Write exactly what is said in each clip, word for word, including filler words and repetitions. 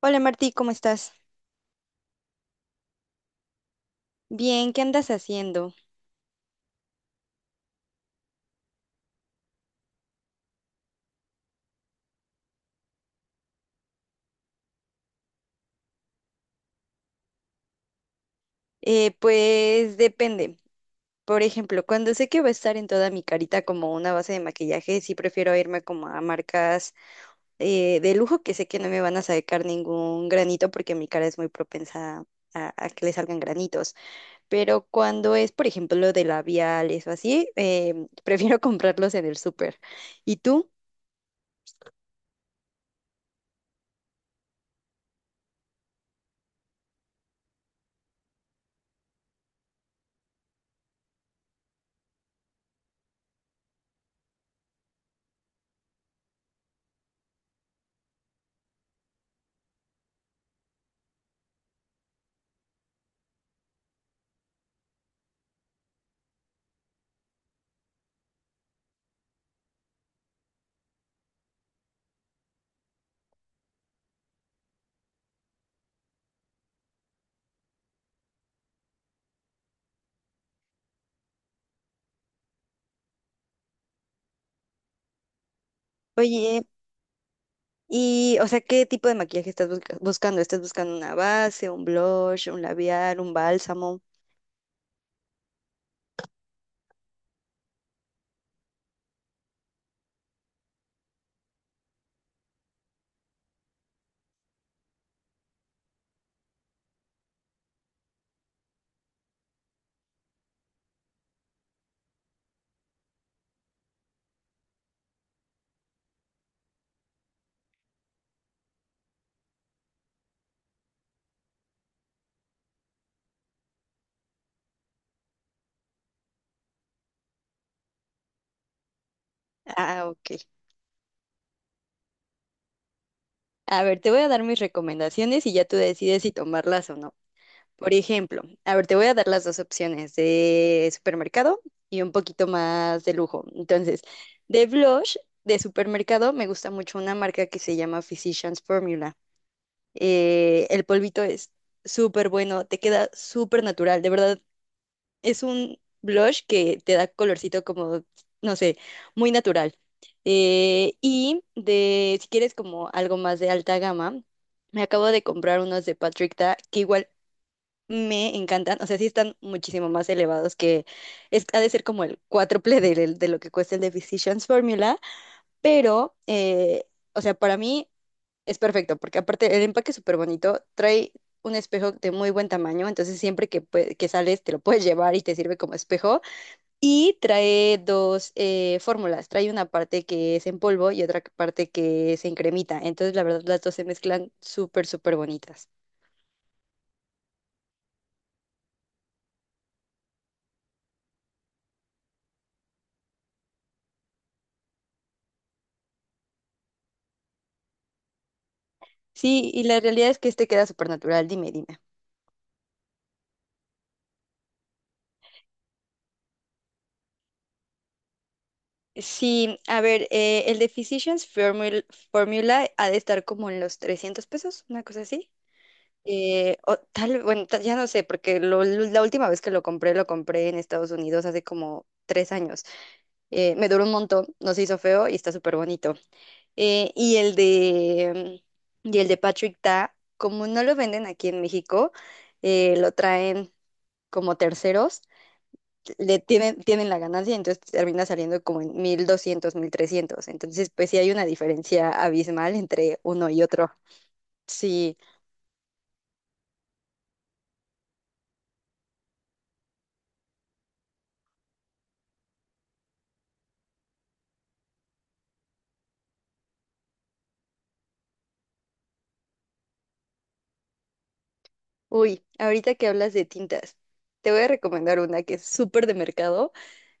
Hola Martí, ¿cómo estás? Bien, ¿qué andas haciendo? Eh, pues depende. Por ejemplo, cuando sé que va a estar en toda mi carita como una base de maquillaje, sí prefiero irme como a marcas eh, de lujo que sé que no me van a sacar ningún granito porque mi cara es muy propensa a, a que le salgan granitos. Pero cuando es, por ejemplo, de labiales o así, eh, prefiero comprarlos en el súper. ¿Y tú? Oye. Y, o sea, ¿qué tipo de maquillaje estás busca- buscando? ¿Estás buscando una base, un blush, un labial, un bálsamo? Ah, ok. A ver, te voy a dar mis recomendaciones y ya tú decides si tomarlas o no. Por ejemplo, a ver, te voy a dar las dos opciones de supermercado y un poquito más de lujo. Entonces, de blush de supermercado me gusta mucho una marca que se llama Physicians Formula. Eh, el polvito es súper bueno, te queda súper natural, de verdad es un blush que te da colorcito como, no sé, muy natural. Eh, y de, si quieres como algo más de alta gama, me acabo de comprar unos de Patrick Ta que igual me encantan. O sea, sí están muchísimo más elevados que es, ha de ser como el cuádruple de, de lo que cuesta el de Physicians Formula, pero, eh, o sea, para mí es perfecto porque aparte el empaque es súper bonito, trae un espejo de muy buen tamaño, entonces siempre que, pue- que sales te lo puedes llevar y te sirve como espejo. Y trae dos eh, fórmulas. Trae una parte que es en polvo y otra parte que es en cremita. Entonces, la verdad, las dos se mezclan súper, súper bonitas. Sí, y la realidad es que este queda súper natural. Dime, dime. Sí, a ver, eh, el de Physicians Formula, Formula ha de estar como en los trescientos pesos, una cosa así. Eh, o tal, bueno, ta- ya no sé, porque lo- lo- la última vez que lo compré, lo compré en Estados Unidos hace como tres años. Eh, me duró un montón, no se hizo feo y está súper bonito. Eh, y el de, y el de Patrick Ta, como no lo venden aquí en México, eh, lo traen como terceros, le tienen, tienen la ganancia, entonces termina saliendo como en mil doscientos, mil trescientos. Entonces, pues sí hay una diferencia abismal entre uno y otro. Sí, uy, ahorita que hablas de tintas, te voy a recomendar una que es súper de mercado,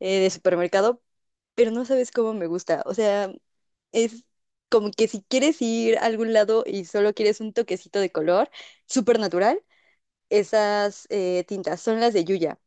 eh, de supermercado, pero no sabes cómo me gusta. O sea, es como que si quieres ir a algún lado y solo quieres un toquecito de color, súper natural, esas eh, tintas son las de Yuya.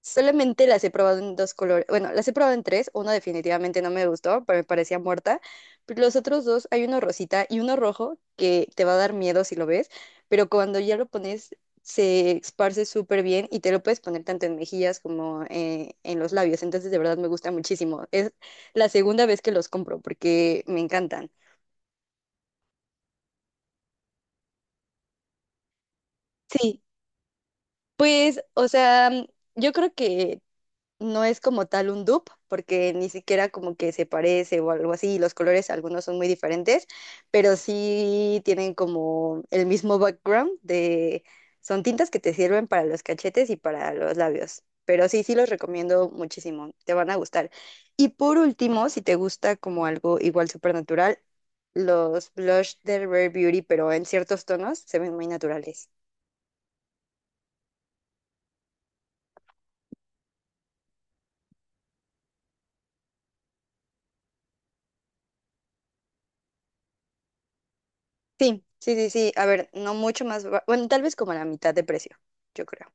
Solamente las he probado en dos colores. Bueno, las he probado en tres. Una definitivamente no me gustó, pero me parecía muerta. Pero los otros dos, hay uno rosita y uno rojo que te va a dar miedo si lo ves, pero cuando ya lo pones, se esparce súper bien y te lo puedes poner tanto en mejillas como eh, en los labios. Entonces, de verdad me gusta muchísimo. Es la segunda vez que los compro porque me encantan. Sí, pues, o sea, mm, yo creo que no es como tal un dupe, porque ni siquiera como que se parece o algo así, y los colores algunos son muy diferentes, pero sí tienen como el mismo background de, son tintas que te sirven para los cachetes y para los labios, pero sí, sí los recomiendo muchísimo, te van a gustar. Y por último, si te gusta como algo igual súper natural, los blush de Rare Beauty, pero en ciertos tonos se ven muy naturales. Sí, sí, sí, sí. A ver, no mucho más. ba- Bueno, tal vez como a la mitad de precio, yo creo.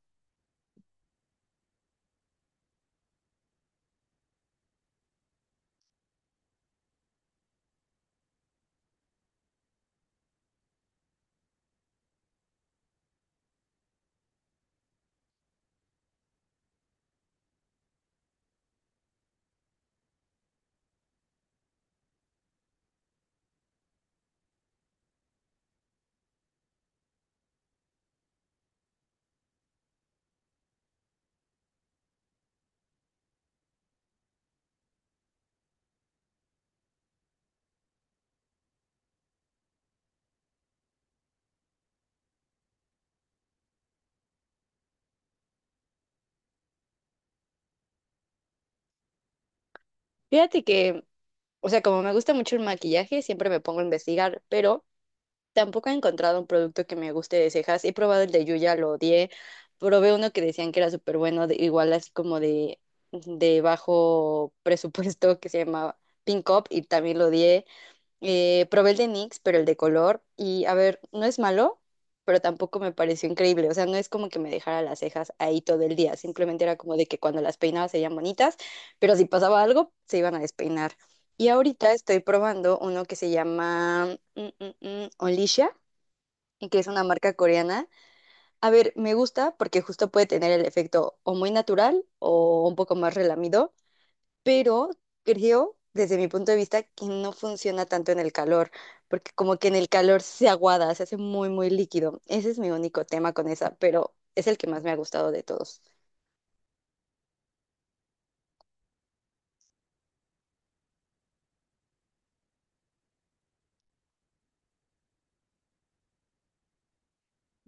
Fíjate que, o sea, como me gusta mucho el maquillaje, siempre me pongo a investigar, pero tampoco he encontrado un producto que me guste de cejas. He probado el de Yuya, lo odié. Probé uno que decían que era súper bueno, de- igual así como de, de bajo presupuesto, que se llamaba Pink Up, y también lo odié. Eh, probé el de NYX, pero el de color. Y a ver, no es malo, pero tampoco me pareció increíble. O sea, no es como que me dejara las cejas ahí todo el día. Simplemente era como de que cuando las peinaba se veían bonitas, pero si pasaba algo, se iban a despeinar. Y ahorita estoy probando uno que se llama mm, mm, mm, Olicia, y que es una marca coreana. A ver, me gusta porque justo puede tener el efecto o muy natural o un poco más relamido, pero creo, desde mi punto de vista, que no funciona tanto en el calor, porque como que en el calor se aguada, se hace muy, muy líquido. Ese es mi único tema con esa, pero es el que más me ha gustado de todos.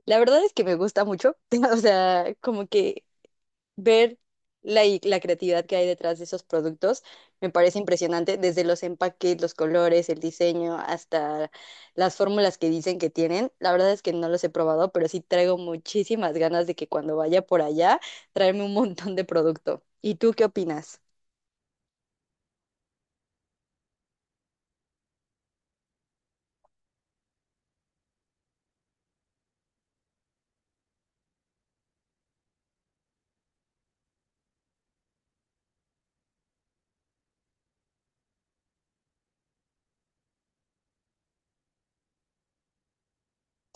La verdad es que me gusta mucho, o sea, como que ver la, i- la creatividad que hay detrás de esos productos me parece impresionante, desde los empaques, los colores, el diseño, hasta las fórmulas que dicen que tienen. La verdad es que no los he probado, pero sí traigo muchísimas ganas de que cuando vaya por allá, traerme un montón de producto. ¿Y tú qué opinas?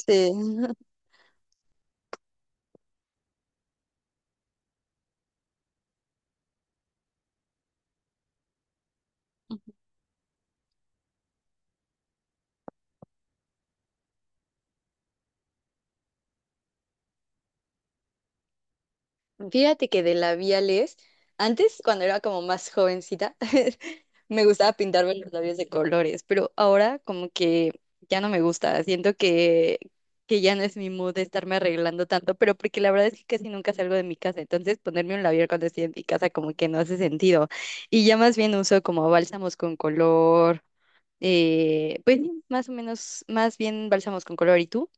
Sí. Fíjate que de labiales, antes cuando era como más jovencita, me gustaba pintarme los labios de colores, pero ahora como que ya no me gusta, siento que, que ya no es mi mood de estarme arreglando tanto, pero porque la verdad es que casi nunca salgo de mi casa, entonces ponerme un labial cuando estoy en mi casa como que no hace sentido. Y ya más bien uso como bálsamos con color, eh, pues sí, más o menos, más bien bálsamos con color. ¿Y tú?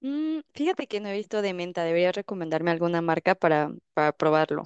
Mm, fíjate que no he visto de menta, deberías recomendarme alguna marca para, para probarlo.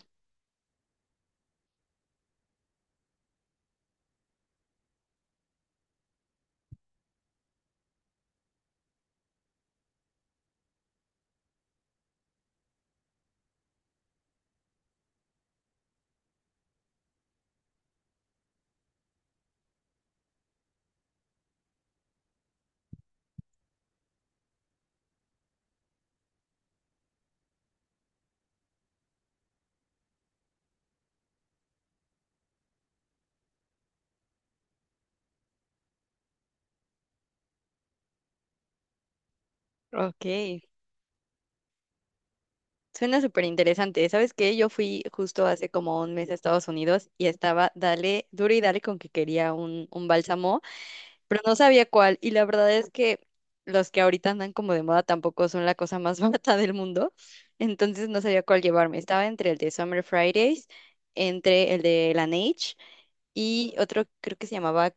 Ok, suena súper interesante. ¿Sabes qué? Yo fui justo hace como un mes a Estados Unidos y estaba, dale, duro y dale con que quería un, un bálsamo. Pero no sabía cuál. Y la verdad es que los que ahorita andan como de moda tampoco son la cosa más barata del mundo. Entonces no sabía cuál llevarme. Estaba entre el de Summer Fridays, entre el de Laneige y otro creo que se llamaba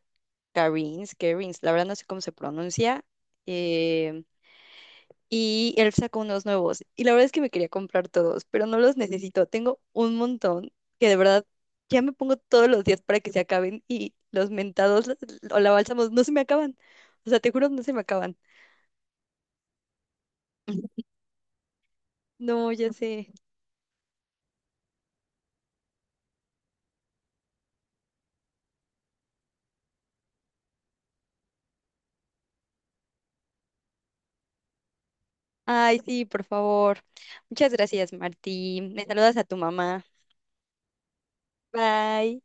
Carins Carins La verdad no sé cómo se pronuncia. eh, y él sacó unos nuevos. Y la verdad es que me quería comprar todos, pero no los necesito. Tengo un montón que de verdad ya me pongo todos los días para que se acaben y los mentados o la bálsamos no se me acaban. O sea, te juro, no se me acaban. No, ya sé. Ay, sí, por favor. Muchas gracias, Martín. Me saludas a tu mamá. Bye.